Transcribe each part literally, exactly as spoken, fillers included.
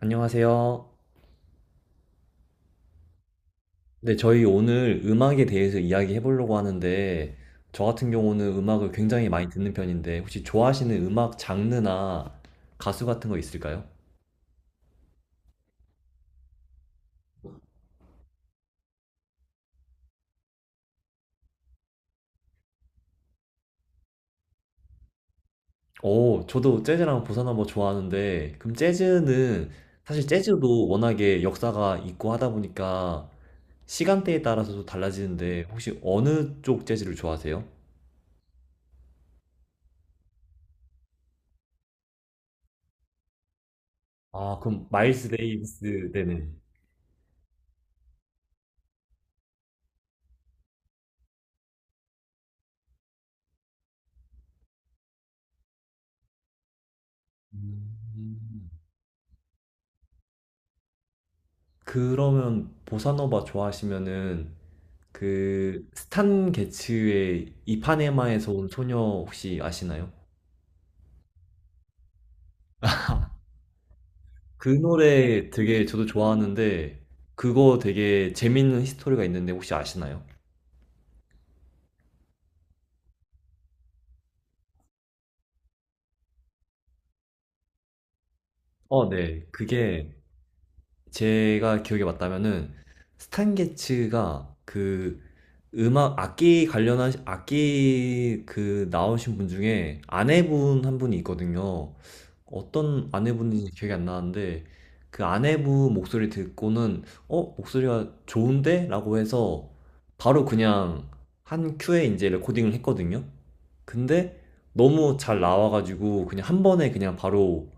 안녕하세요. 네, 저희 오늘 음악에 대해서 이야기해 보려고 하는데, 저 같은 경우는 음악을 굉장히 많이 듣는 편인데, 혹시 좋아하시는 음악 장르나 가수 같은 거 있을까요? 오, 저도 재즈랑 보사노바 좋아하는데, 그럼 재즈는, 사실 재즈도 워낙에 역사가 있고 하다 보니까, 시간대에 따라서도 달라지는데, 혹시 어느 쪽 재즈를 좋아하세요? 아, 그럼 마일스 데이비스, 네네. 음. 그러면 보사노바 좋아하시면은 그 스탄 게츠의 이파네마에서 온 소녀 혹시 아시나요? 그 노래 되게 저도 좋아하는데 그거 되게 재밌는 히스토리가 있는데 혹시 아시나요? 어, 네. 그게 제가 기억에 맞다면은 스탄 게츠가 그 음악 악기 관련한 악기 그 나오신 분 중에 아내분 한 분이 있거든요. 어떤 아내분인지 기억이 안 나는데 그 아내분 목소리 듣고는 어 목소리가 좋은데? 라고 해서 바로 그냥 한 큐에 이제 레코딩을 했거든요. 근데 너무 잘 나와가지고 그냥 한 번에 그냥 바로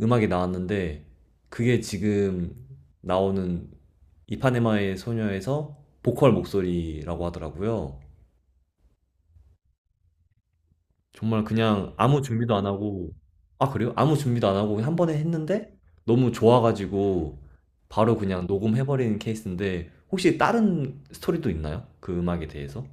음악이 나왔는데 그게 지금 나오는 이파네마의 소녀에서 보컬 목소리라고 하더라고요. 정말 그냥 아무 준비도 안 하고, 아, 그래요? 아무 준비도 안 하고 그냥 한 번에 했는데 너무 좋아가지고 바로 그냥 녹음해버리는 케이스인데 혹시 다른 스토리도 있나요? 그 음악에 대해서?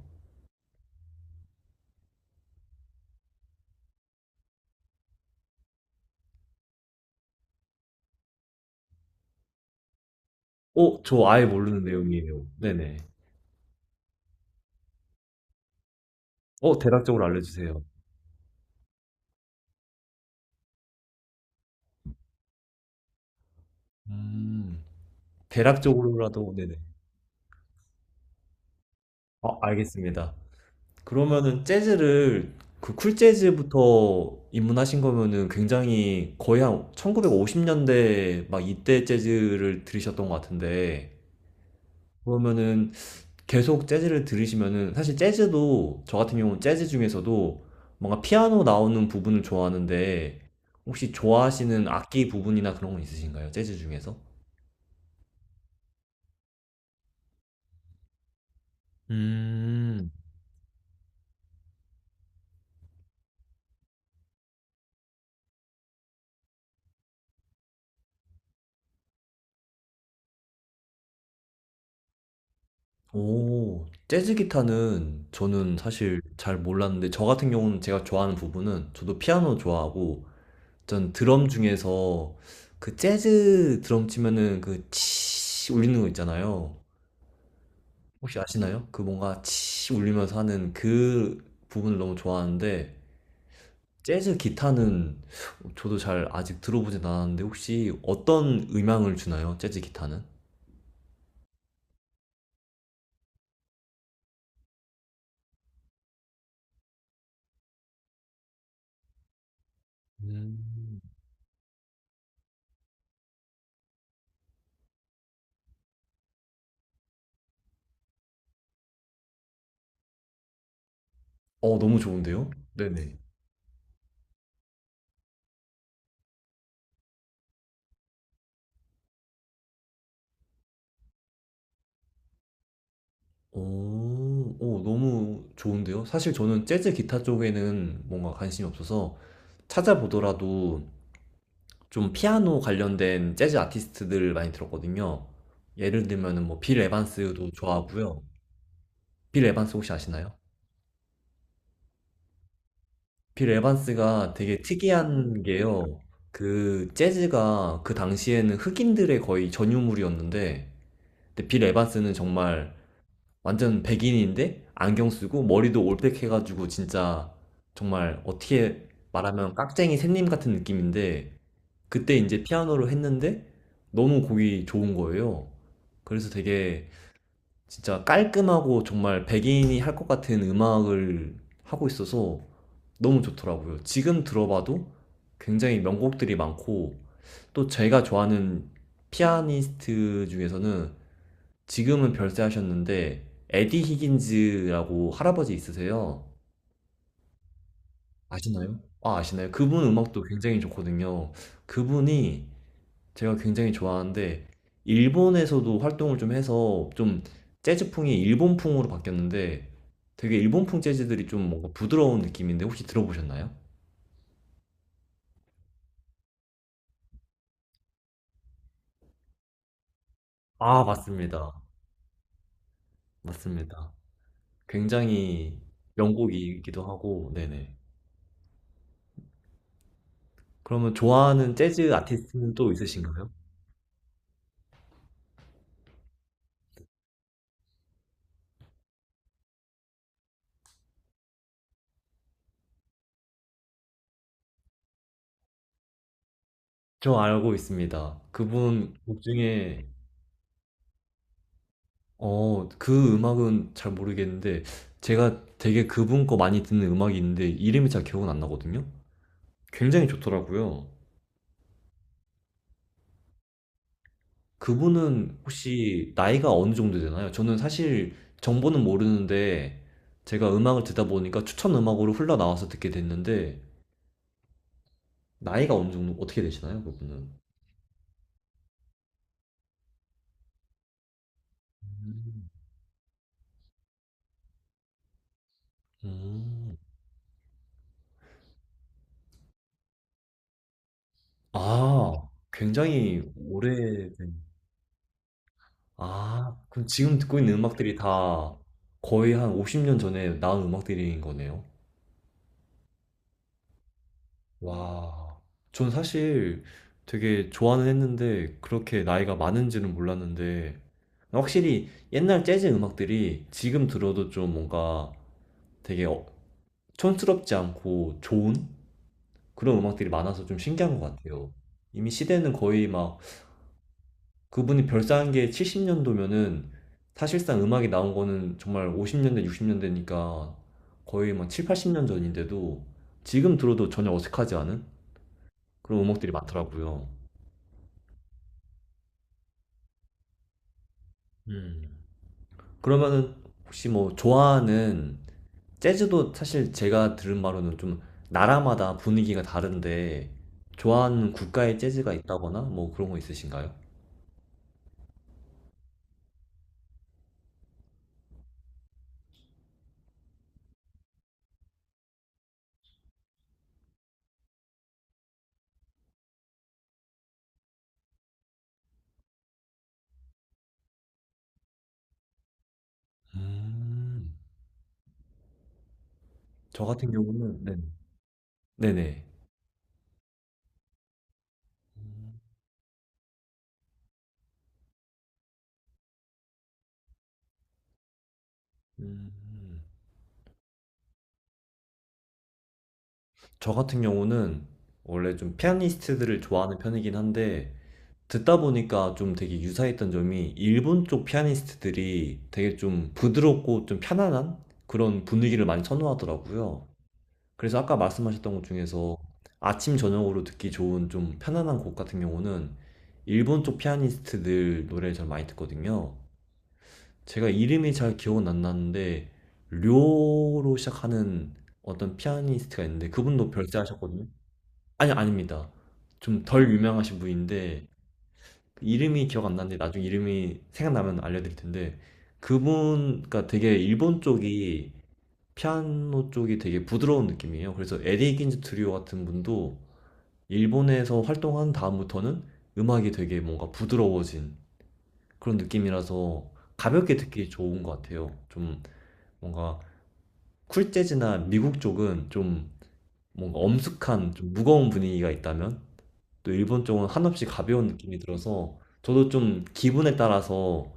어, 저 아예 모르는 내용이에요. 네네. 어, 대략적으로 알려주세요. 음, 대략적으로라도, 네네. 어, 알겠습니다. 그러면은 재즈를 그 쿨 재즈부터 입문하신 거면은 굉장히 거의 한 천구백오십 년대 막 이때 재즈를 들으셨던 것 같은데 그러면은 계속 재즈를 들으시면은 사실 재즈도 저 같은 경우는 재즈 중에서도 뭔가 피아노 나오는 부분을 좋아하는데 혹시 좋아하시는 악기 부분이나 그런 건 있으신가요? 재즈 중에서? 음, 오, 재즈 기타는 저는 사실 잘 몰랐는데, 저 같은 경우는 제가 좋아하는 부분은, 저도 피아노 좋아하고, 전 드럼 중에서 그 재즈 드럼 치면은 그 치 울리는 거 있잖아요. 혹시 아시나요? 그 뭔가 치 울리면서 하는 그 부분을 너무 좋아하는데, 재즈 기타는 저도 잘 아직 들어보진 않았는데, 혹시 어떤 음향을 주나요? 재즈 기타는? 음. 어, 너무 좋은데요? 네네. 오. 오 너무 좋은데요. 사실 저는 재즈 기타 쪽에는 뭔가 관심이 없어서 찾아보더라도 좀 피아노 관련된 재즈 아티스트들을 많이 들었거든요. 예를 들면은 뭐 빌 에반스도 좋아하고요. 빌 에반스 혹시 아시나요? 빌 에반스가 되게 특이한 게요. 그 재즈가 그 당시에는 흑인들의 거의 전유물이었는데 근데 빌 에반스는 정말 완전 백인인데 안경 쓰고 머리도 올백해가지고 진짜 정말 어떻게 말하면 깍쟁이 샘님 같은 느낌인데 그때 이제 피아노를 했는데 너무 곡이 좋은 거예요. 그래서 되게 진짜 깔끔하고 정말 백인이 할 것 같은 음악을 하고 있어서 너무 좋더라고요. 지금 들어봐도 굉장히 명곡들이 많고 또 제가 좋아하는 피아니스트 중에서는 지금은 별세하셨는데 에디 히긴즈라고 할아버지 있으세요. 아시나요? 아, 아시나요? 그분 음악도 굉장히 좋거든요. 그분이 제가 굉장히 좋아하는데 일본에서도 활동을 좀 해서 좀 재즈풍이 일본풍으로 바뀌었는데 되게 일본풍 재즈들이 좀 뭔가 부드러운 느낌인데 혹시 들어보셨나요? 아, 맞습니다. 맞습니다. 굉장히 명곡이기도 하고, 네네. 그러면 좋아하는 재즈 아티스트는 또 있으신가요? 저 알고 있습니다. 그분 곡 중에, 어, 그 음악은 잘 모르겠는데, 제가 되게 그분 거 많이 듣는 음악이 있는데, 이름이 잘 기억은 안 나거든요? 굉장히 좋더라고요. 그분은 혹시 나이가 어느 정도 되나요? 저는 사실 정보는 모르는데, 제가 음악을 듣다 보니까 추천 음악으로 흘러나와서 듣게 됐는데, 나이가 어느 정도, 어떻게 되시나요, 그분은? 음. 아, 굉장히 오래된 아, 그럼 지금 듣고 있는 음악들이 다 거의 한 오십 년 전에 나온 음악들인 거네요. 와, 전 사실 되게 좋아는 했는데 그렇게 나이가 많은지는 몰랐는데 확실히 옛날 재즈 음악들이 지금 들어도 좀 뭔가 되게 어- 촌스럽지 않고 좋은 그런 음악들이 많아서 좀 신기한 것 같아요. 이미 시대는 거의 막 그분이 별 쌓은 게 칠십 년도면은 사실상 음악이 나온 거는 정말 오십 년대, 육십 년대니까 거의 뭐 칠, 팔십 년 전인데도 지금 들어도 전혀 어색하지 않은 그런 음악들이 많더라고요. 음. 그러면은 혹시 뭐 좋아하는 재즈도 사실 제가 들은 바로는 좀 나라마다 분위기가 다른데 좋아하는 국가의 재즈가 있다거나 뭐 그런 거 있으신가요? 음, 저 같은 경우는 네. 네네. 음. 저 같은 경우는 원래 좀 피아니스트들을 좋아하는 편이긴 한데 듣다 보니까 좀 되게 유사했던 점이 일본 쪽 피아니스트들이 되게 좀 부드럽고 좀 편안한 그런 분위기를 많이 선호하더라고요. 그래서 아까 말씀하셨던 것 중에서 아침 저녁으로 듣기 좋은 좀 편안한 곡 같은 경우는 일본 쪽 피아니스트들 노래를 잘 많이 듣거든요. 제가 이름이 잘 기억은 안 나는데 료로 시작하는 어떤 피아니스트가 있는데 그분도 별세하셨거든요. 아니, 아닙니다. 좀 덜 유명하신 분인데, 그 이름이 기억 안 나는데, 나중에 이름이 생각나면 알려드릴 텐데, 그분, 그니까 되게 일본 쪽이, 피아노 쪽이 되게 부드러운 느낌이에요. 그래서 에디 긴즈 트리오 같은 분도 일본에서 활동한 다음부터는 음악이 되게 뭔가 부드러워진 그런 느낌이라서 가볍게 듣기 좋은 것 같아요. 좀 뭔가 쿨 재즈나 미국 쪽은 좀 뭔가 엄숙한 좀 무거운 분위기가 있다면 또 일본 쪽은 한없이 가벼운 느낌이 들어서 저도 좀 기분에 따라서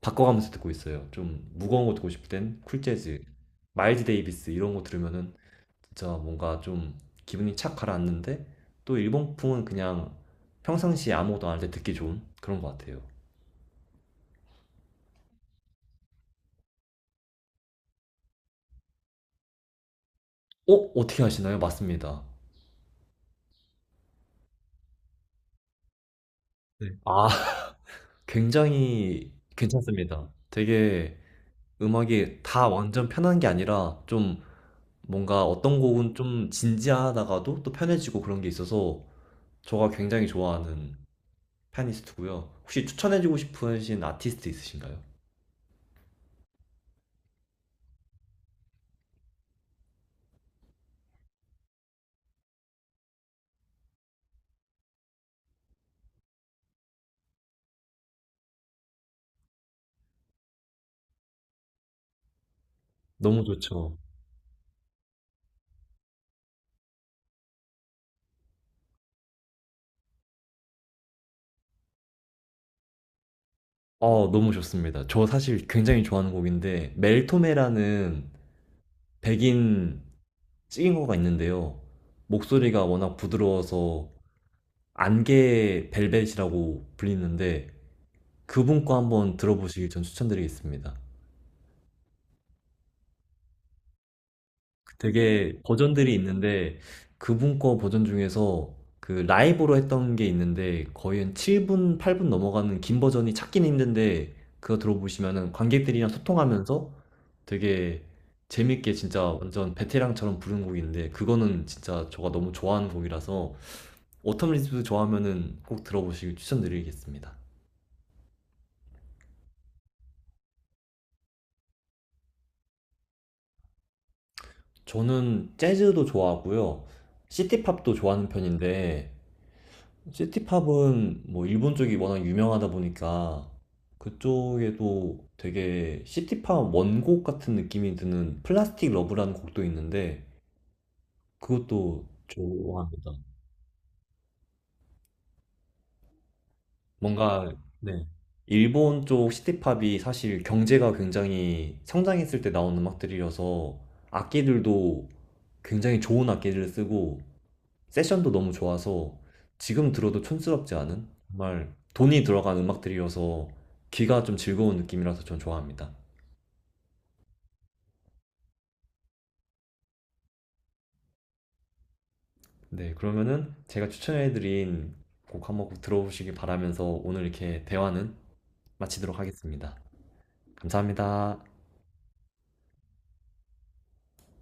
바꿔가면서 듣고 있어요. 좀 무거운 거 듣고 싶을 땐 쿨 재즈, 마일즈 데이비스 이런 거 들으면은 진짜 뭔가 좀 기분이 착 가라앉는데 또 일본풍은 그냥 평상시에 아무것도 안할 때 듣기 좋은 그런 것 같아요. 어? 어떻게 아시나요 맞습니다. 네. 아, 굉장히 괜찮습니다. 되게 음악이 다 완전 편한 게 아니라 좀 뭔가 어떤 곡은 좀 진지하다가도 또 편해지고 그런 게 있어서 저가 굉장히 좋아하는 피아니스트고요. 혹시 추천해주고 싶으신 아티스트 있으신가요? 너무 좋죠. 어, 너무 좋습니다. 저 사실 굉장히 좋아하는 곡인데 멜토메라는 백인 찍인거가 있는데요. 목소리가 워낙 부드러워서 안개 벨벳이라고 불리는데 그분 거 한번 들어보시길 전 추천드리겠습니다. 되게 버전들이 있는데 그분 거 버전 중에서 그 라이브로 했던 게 있는데 거의 한 칠 분, 팔 분 넘어가는 긴 버전이 찾기는 힘든데 그거 들어보시면은 관객들이랑 소통하면서 되게 재밌게 진짜 완전 베테랑처럼 부른 곡인데 그거는 진짜 제가 너무 좋아하는 곡이라서 오텀 리즈도 좋아하면은 꼭 들어보시길 추천드리겠습니다. 저는 재즈도 좋아하고요. 시티팝도 좋아하는 편인데 시티팝은 뭐 일본 쪽이 워낙 유명하다 보니까 그쪽에도 되게 시티팝 원곡 같은 느낌이 드는 플라스틱 러브라는 곡도 있는데 그것도 좋아합니다. 뭔가 네. 일본 쪽 시티팝이 사실 경제가 굉장히 성장했을 때 나온 음악들이어서 악기들도 굉장히 좋은 악기를 쓰고 세션도 너무 좋아서 지금 들어도 촌스럽지 않은 정말 돈이 들어간 음악들이어서 귀가 좀 즐거운 느낌이라서 전 좋아합니다. 네, 그러면은 제가 추천해드린 곡 한번 꼭 들어보시기 바라면서 오늘 이렇게 대화는 마치도록 하겠습니다. 감사합니다.